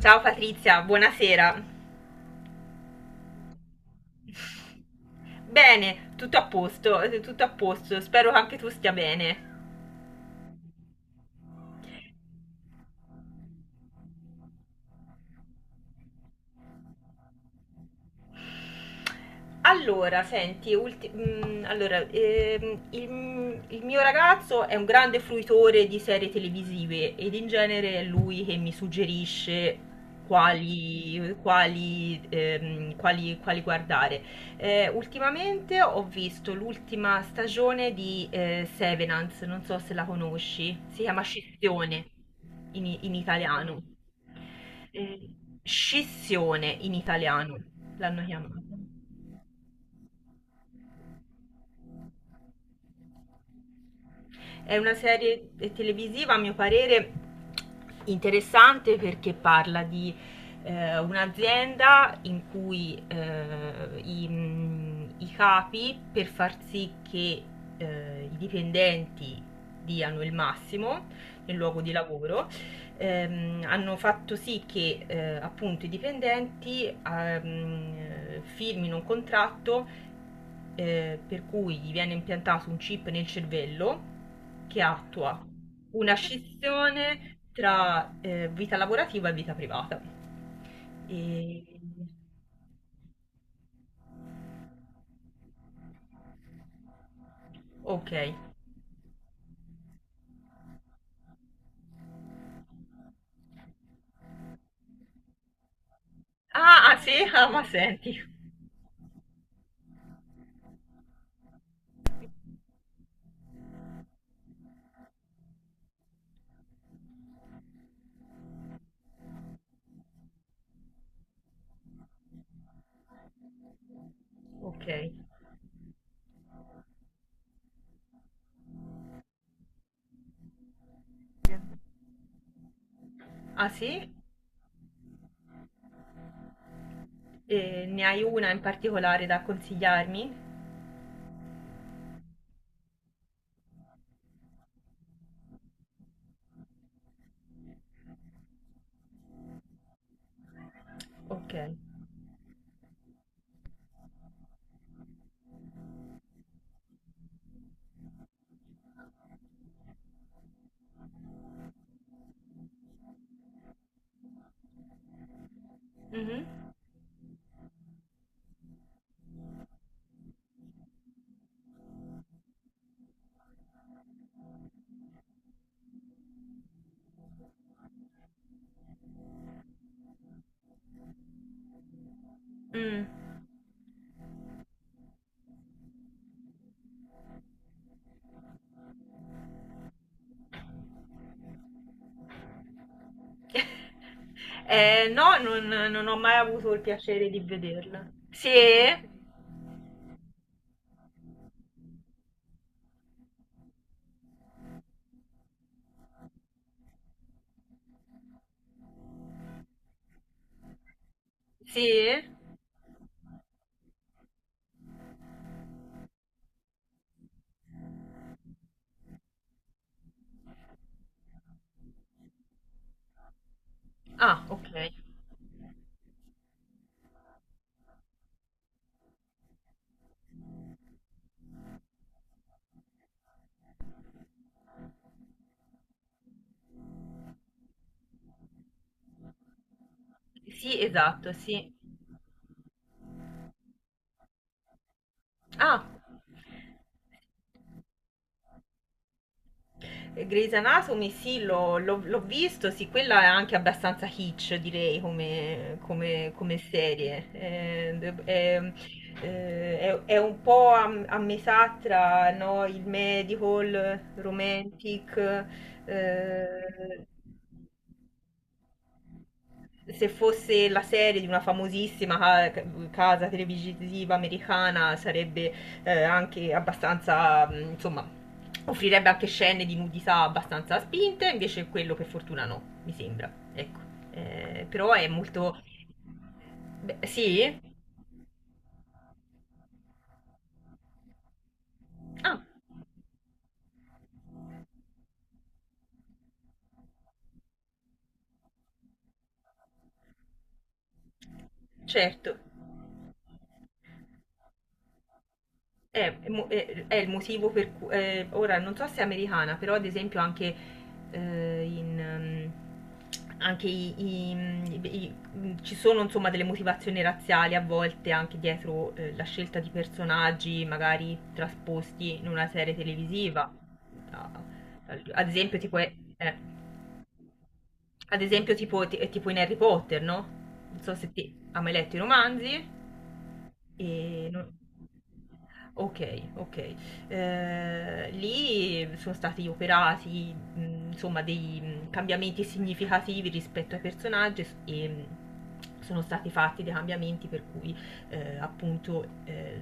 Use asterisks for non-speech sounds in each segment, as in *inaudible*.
Ciao Patrizia, buonasera. Bene, tutto a posto, tutto a posto. Spero che anche tu stia bene. Allora, senti, il mio ragazzo è un grande fruitore di serie televisive ed in genere è lui che mi suggerisce quali guardare. Ultimamente ho visto l'ultima stagione di Severance, non so se la conosci, si chiama Scissione in italiano. Eh, Scissione in italiano l'hanno chiamata. È una serie televisiva, a mio parere, interessante perché parla di un'azienda in cui i capi, per far sì che i dipendenti diano il massimo nel luogo di lavoro, hanno fatto sì che appunto i dipendenti firmino un contratto per cui gli viene impiantato un chip nel cervello che attua una scissione tra vita lavorativa e vita privata. E... Ok. Ah, ah, sì? *laughs* Ah, ma senti. Ok. Ah sì? E ne hai una in particolare da consigliarmi? Ok. Mhm. Mm. *laughs* No, non ho mai avuto il piacere di vederla. Sì? Sì? Ah, ok. Sì, esatto, sì. Ah, Grey's Anatomy, sì, l'ho visto, sì, quella è anche abbastanza hitch, direi, come serie. È, è un po' a, a metà tra, no, il medical, romantic, eh, se fosse la serie di una famosissima ca- casa televisiva americana sarebbe anche abbastanza, insomma, offrirebbe anche scene di nudità abbastanza spinte, invece quello per fortuna no, mi sembra. Ecco. Però è molto... Beh, sì? Ah, certo. È, è il motivo per cui ora non so se è americana, però ad esempio anche in anche ci sono insomma delle motivazioni razziali a volte anche dietro la scelta di personaggi magari trasposti in una serie televisiva. Da- Ad esempio tipo, ad esempio tipo in Harry Potter, no? Non so se ti, hai mai letto i romanzi. E non- Ok, ok. Lì sono stati operati, insomma, dei cambiamenti significativi rispetto ai personaggi sono stati fatti dei cambiamenti per cui appunto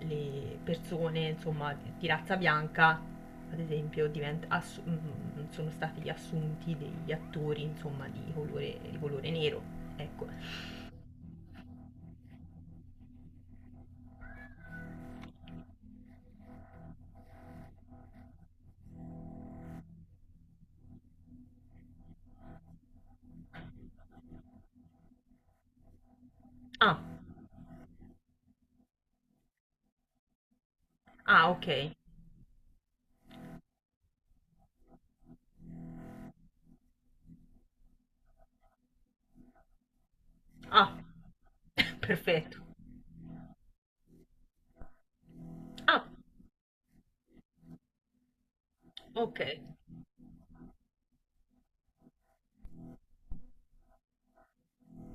le persone, insomma, di razza bianca, ad esempio, sono stati assunti degli attori, insomma, di colore nero. Ecco. Ah, ah, ok. Ah, *laughs* perfetto. Ah, okay.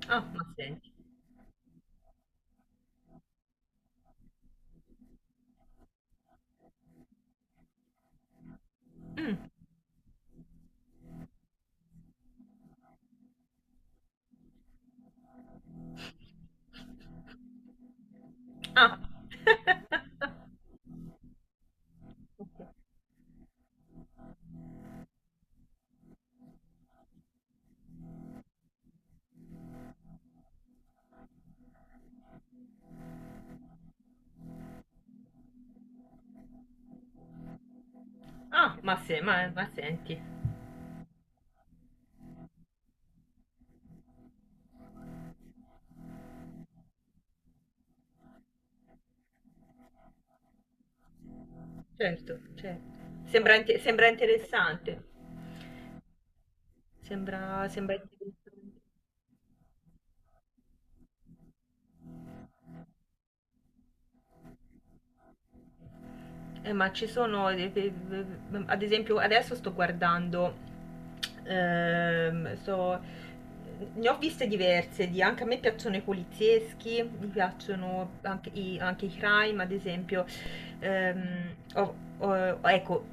Ah, ma senti. Mh. Ah. *laughs* Okay. Ah, ma se ma ma senti. Certo, certo. Sembra inte sembra interessante. Sembra sembra interessan ma ci sono, ad esempio, adesso sto guardando, ehm, sto- ne ho viste diverse, di- anche a me piacciono i polizieschi, mi piacciono anche anche i crime, ad esempio. Ecco,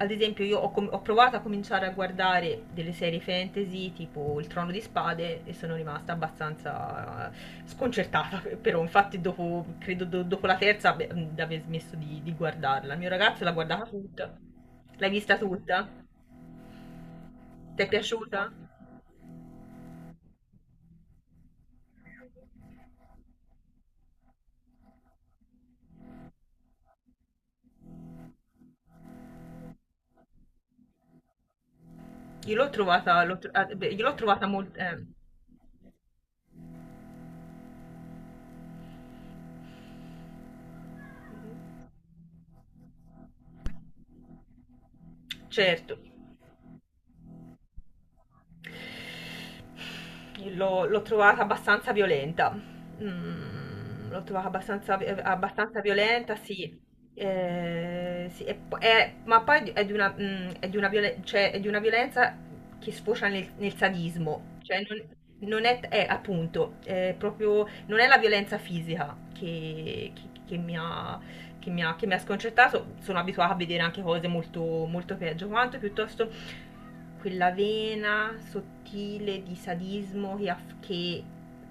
ad esempio, io ho, ho provato a cominciare a guardare delle serie fantasy tipo Il Trono di Spade e sono rimasta abbastanza sconcertata. *laughs* Però, infatti, dopo, credo dopo la terza beh, di aver smesso di guardarla. Il mio ragazzo l'ha guardata tutta. L'hai vista tutta? Ti è piaciuta? Io l'ho trovata, ah, beh, io l'ho trovata molto. Certo, l'ho trovata abbastanza violenta. Mm, l'ho trovata abbastanza violenta, sì. Sì, ma poi è di una, mm, è di una violen- cioè, è di una violenza che sfocia nel, nel sadismo. Cioè, non è, è, appunto, è proprio, non è la violenza fisica che mi ha, che mi ha sconcertato. Sono abituata a vedere anche cose molto, molto peggio. Quanto piuttosto quella vena sottile di sadismo che,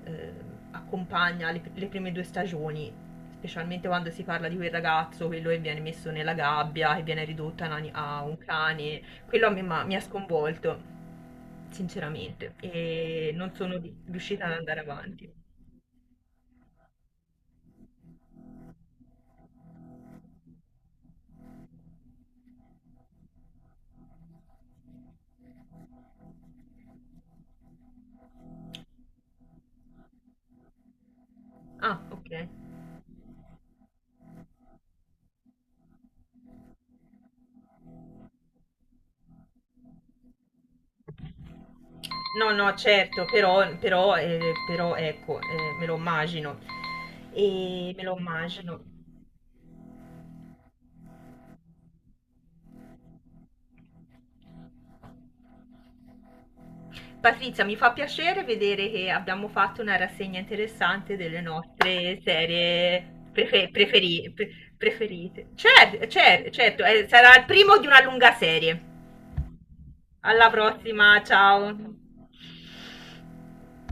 eh, accompagna le prime due stagioni, specialmente quando si parla di quel ragazzo, quello che viene messo nella gabbia, che viene ridotto a, a un cane, quello mi ha sconvolto, sinceramente, e non sono riuscita ad andare avanti. Ah, ok. No, no, certo, però, però ecco, me lo immagino. E me lo immagino. Patrizia, mi fa piacere vedere che abbiamo fatto una rassegna interessante delle nostre serie preferite. Certo, certo, certo, sarà il primo di una lunga serie. Alla prossima, ciao.